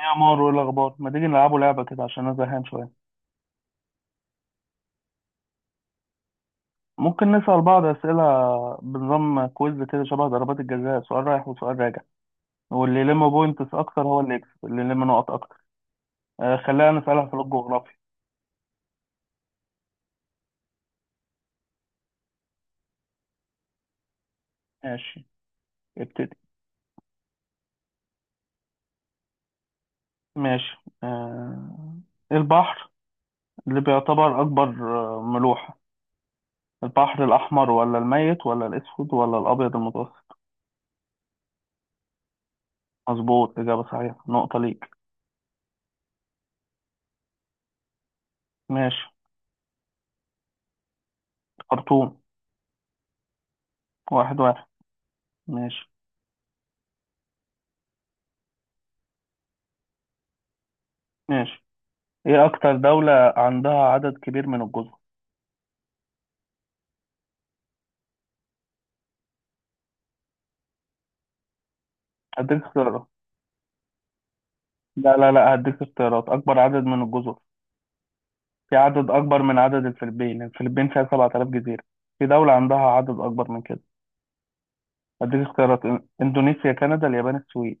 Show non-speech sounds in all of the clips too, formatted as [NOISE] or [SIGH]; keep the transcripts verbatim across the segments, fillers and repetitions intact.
إيه يا مار، وايه الاخبار؟ ما تيجي نلعبوا لعبه كده عشان انا زهقان شويه. ممكن نسال بعض اسئله بنظام كويز كده، شبه ضربات الجزاء، سؤال رايح وسؤال راجع. واللي يلم بوينتس اكتر هو اللي يكسب، اللي يلم نقط اكتر. آه خلينا نسالها في الجغرافيا. ماشي، ابتدي. ماشي. آه البحر اللي بيعتبر اكبر آه، ملوحه، البحر الاحمر ولا الميت ولا الاسود ولا الابيض المتوسط؟ مظبوط، اجابه صحيحه، نقطه ليك. ماشي. خرطوم. واحد واحد. ماشي. ماشي. ايه اكتر دولة عندها عدد كبير من الجزر؟ هديك اختيارات. لا لا لا، هديك اختيارات، اكبر عدد من الجزر. في عدد اكبر من عدد الفلبين. الفلبين فيها سبعة آلاف جزيرة. في دولة عندها عدد اكبر من كده. هديك اختيارات: إن- اندونيسيا، كندا، اليابان، السويد.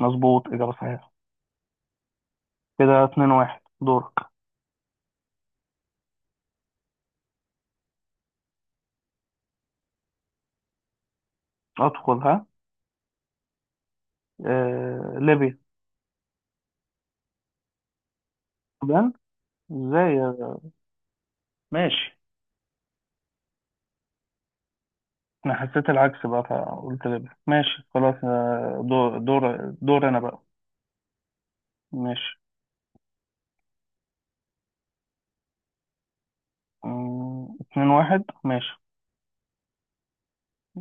مظبوط، اجابة صحيحة. كده اتنين واحد. دورك. ادخل ها. آه... ليبيا. السودان. ازاي يا- ماشي. انا حسيت العكس بقى فقلت ليبيا، ماشي خلاص. آه، دور دور دور انا بقى. ماشي. مم، اتنين واحد ماشي.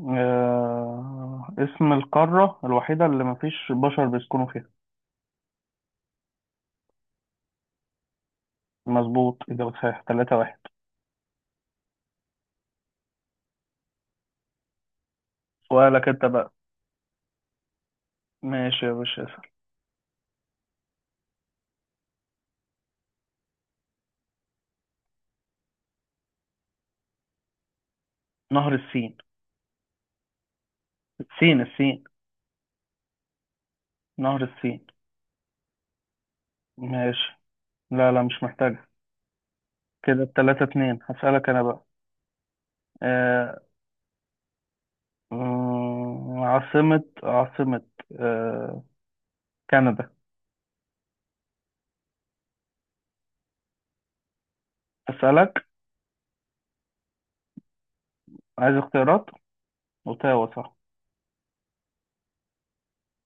آه... اسم القارة الوحيدة اللي مفيش بشر بيسكنوا فيها؟ مظبوط، إجابة صحيحة. تلاتة واحد. سؤالك أنت بقى. ماشي يا باشا، اسأل. نهر السين. السين السين نهر السين. ماشي. لا لا، مش محتاجة. كده التلاتة اتنين، هسألك أنا بقى. آه... مم، عاصمة عاصمة آه... كندا هسألك. عايز اختيارات. أوتاوا صح.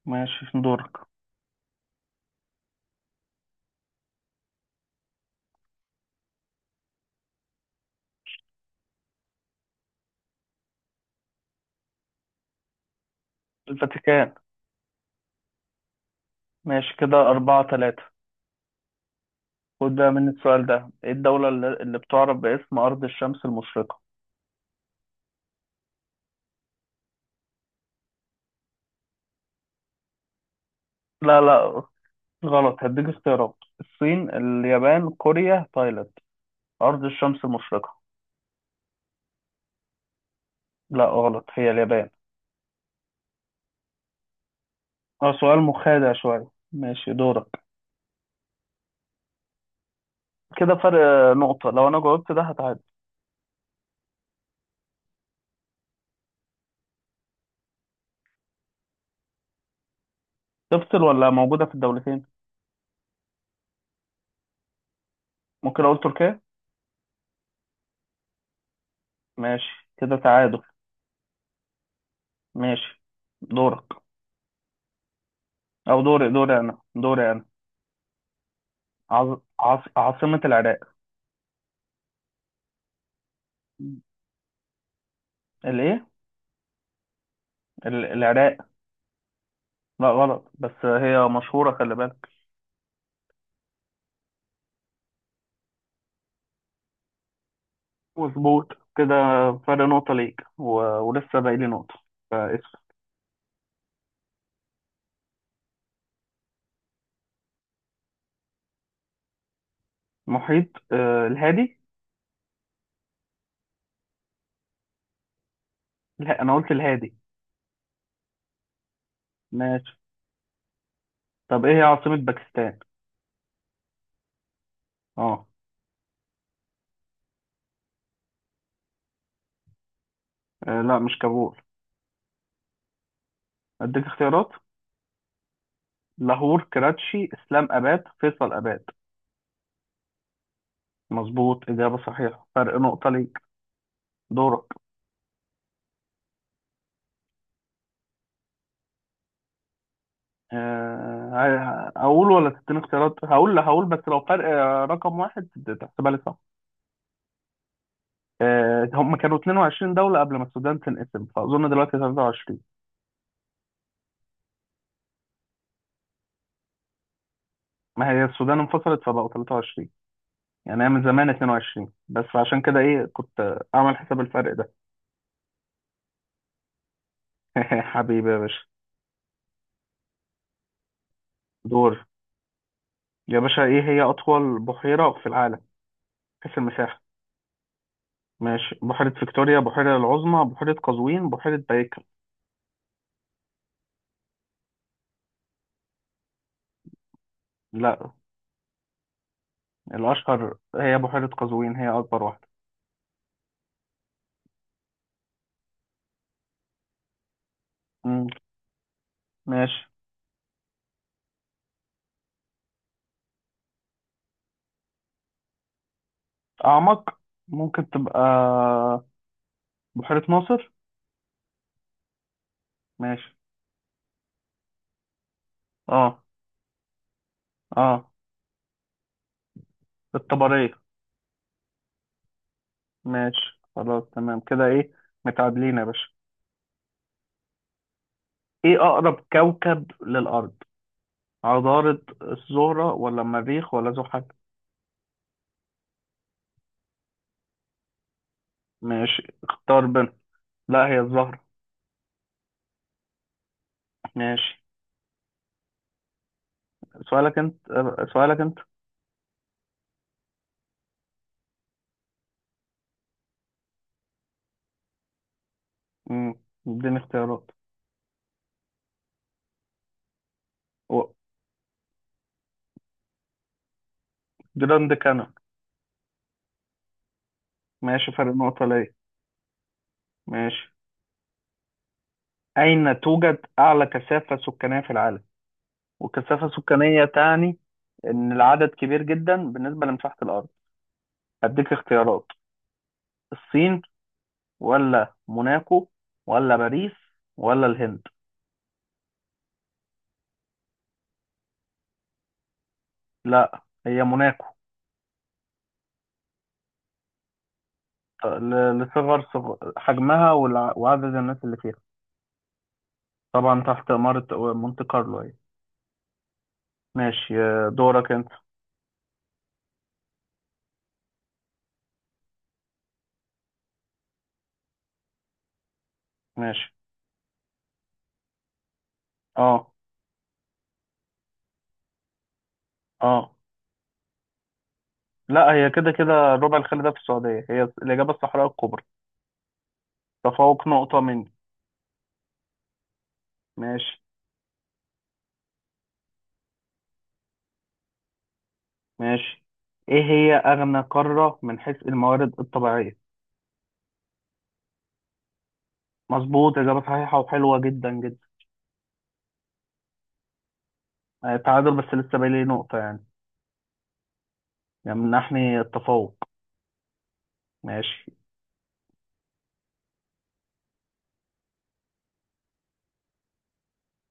ماشي، دورك. الفاتيكان. ماشي كده، أربعة تلاتة. خد بقى مني السؤال ده: ايه الدولة اللي اللي بتعرف باسم أرض الشمس المشرقة؟ لا لا، غلط. هديك اختيارات: الصين، اليابان، كوريا، تايلاند. أرض الشمس المشرقة. لا، غلط، هي اليابان. اه، سؤال مخادع شوية. ماشي، دورك. كده فرق آه، نقطة. لو أنا جاوبت ده هتعادل. تفصل ولا موجودة في الدولتين؟ ممكن أقول تركيا. ماشي كده تعادل. ماشي، دورك. أو دوري دوري، أنا دوري أنا. عاص... عاص... عاصمة العراق؟ الإيه؟ ال- العراق. لا غلط، بس هي مشهورة، خلي بالك. مظبوط. كده فرق نقطة ليك و... ولسه باقي لي نقطة. فاسم. محيط آه الهادي. لا، أنا قلت الهادي. ماشي. طب إيه هي عاصمة باكستان؟ آه. آه لا، مش كابول. أديك اختيارات: لاهور، كراتشي، إسلام أباد، فيصل أباد. مظبوط، إجابة صحيحة، فرق نقطة ليك. دورك. آه... ه- هقول ولا تديني اختيارات؟ هقول لا، هقول بس لو فرق آه، رقم واحد. تحسبها لي. آه، هم كانوا اتنين وعشرين دولة قبل ما السودان تنقسم، فأظن دلوقتي تلاتة وعشرين. ما هي السودان انفصلت فبقوا ثلاثة وعشرين. يعني هي من زمان اتنين وعشرين، بس عشان كده إيه كنت أعمل حساب الفرق ده. [LAUGHS] حبيبي يا باشا. دور. يا باشا، إيه هي أطول بحيرة في العالم، حيث المساحة؟ ماشي: بحيرة فيكتوريا، بحيرة العظمى، بحيرة قزوين، بحيرة بايكل. لا. الأشهر هي بحيرة قزوين، هي أكبر واحدة. مم. ماشي. أعمق. ممكن تبقى بحيرة ناصر. ماشي. اه. اه. الطبرية. ماشي، خلاص تمام كده، ايه، متعادلين يا باشا. ايه اقرب كوكب للارض، عطارد، الزهرة، ولا المريخ، ولا زحل؟ ماشي، اختار بين. لا، هي الزهرة. ماشي. سؤالك انت آه، سؤالك انت امم اديني اختيارات. و- جراند كانون. ماشي، فرق نقطة ليا. ماشي. اين توجد اعلى كثافة سكانية في العالم؟ والكثافة السكانية تعني ان العدد كبير جدا بالنسبة لمساحة الارض. هديك اختيارات: الصين، ولا موناكو، ولا باريس، ولا الهند. لا، هي موناكو. ل- لصغر صغ- حجمها، والع- وعدد الناس اللي فيها. طبعا تحت إمارة مونte كارلو أهي. ماشي. آه، دورك أنت. ماشي. اه، اه، لا، هي كده كده، الربع الخالي ده في السعودية، هي الإجابة: الصحراء الكبرى. تفوق نقطة مني. ماشي. ماشي. إيه هي أغنى قارة من حيث الموارد الطبيعية؟ مظبوط، إجابة صحيحة، وحلوة جدا جدا. آه، تعادل، بس لسه باقي لي نقطة يعني، يمنحني التفوق. ماشي.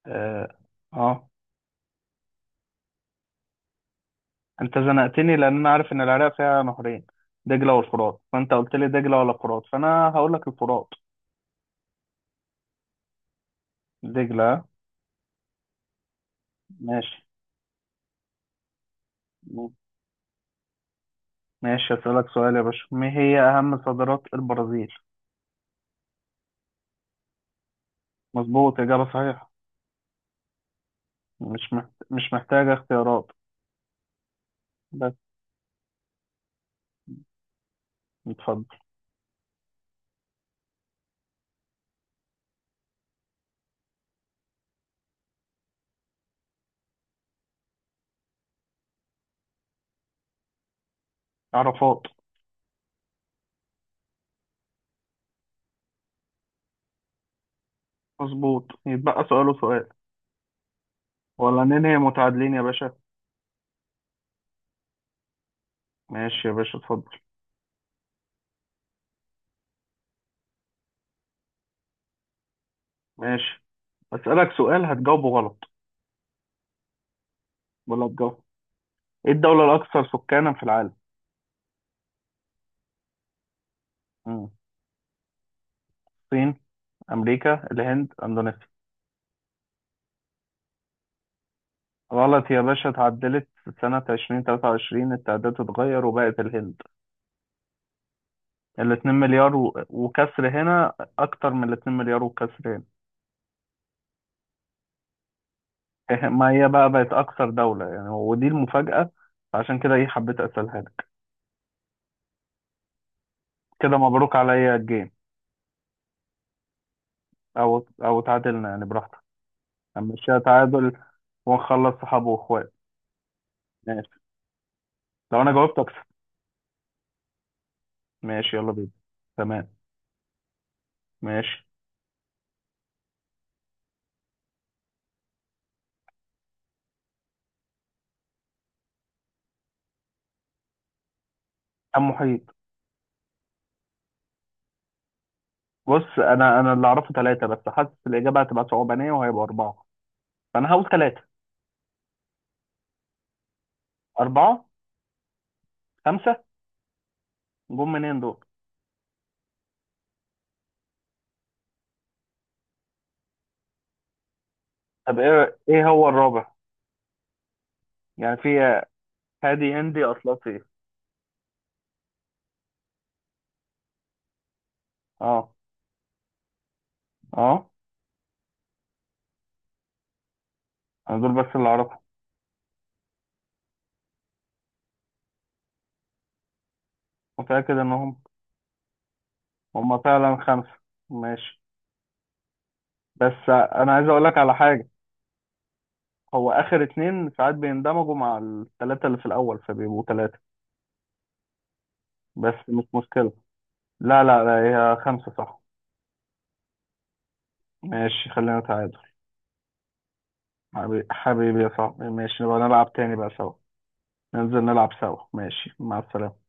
اه, آه. انت زنقتني، لان انا عارف ان العراق فيها نهرين، دجلة والفرات. فانت قلت لي دجلة ولا فرات، فانا هقول لك الفرات. دجلة. ماشي. ماشي. اسألك سؤال يا باشا: ما هي اهم صادرات البرازيل؟ مظبوط، اجابة صحيحة. مش محت... مش محتاجة اختيارات. بس. اتفضل. عرفات. مظبوط، يتبقى سؤال وسؤال. ولا ننهي متعادلين يا باشا؟ ماشي يا باشا، اتفضل. ماشي، أسألك سؤال هتجاوبه غلط. بقول لك جو، ايه الدولة الأكثر سكانا في العالم؟ مم. الصين، أمريكا، الهند، أندونيسيا. غلط يا باشا، اتعدلت. سنة ألفين وتلاتة وعشرين التعداد اتغير وبقت الهند. الاتنين مليار و... وكسر هنا، أكتر من الاتنين مليار وكسر هنا. إيه، ما هي بقى بقت أكثر دولة يعني، ودي المفاجأة. عشان كده إيه حبيت أسألها لك. كده مبروك عليا الجيم. أو أو تعادلنا يعني، براحتك. هنمشيها تعادل، ونخلص صحاب وإخوات. ماشي، لو أنا جاوبت أكسب. ماشي يلا بينا. تمام. ماشي. كم محيط؟ بص، انا انا اللي اعرفه ثلاثة، بس حاسس الاجابة هتبقى صعبانية وهيبقى أربعة، فانا هقول ثلاثة. أربعة. خمسة. جم منين دول؟ طب ايه ايه هو الرابع؟ يعني في هادي، هندي، اطلسي. اه. اه. انا دول بس اللي اعرفهم. متأكد انهم هم فعلا خمسة. ماشي. بس انا عايز اقول لك على حاجة. هو اخر اتنين ساعات بيندمجوا مع الثلاثة اللي في الاول فبيبقوا ثلاثة، بس مش مشكلة. لا لا لا، هي خمسة صح. ماشي، خلينا تعادل. حبيبي حبيبي يا صاحبي، ماشي نبقى نلعب تاني بقى سوا. ننزل نلعب سوا. ماشي، مع السلامة.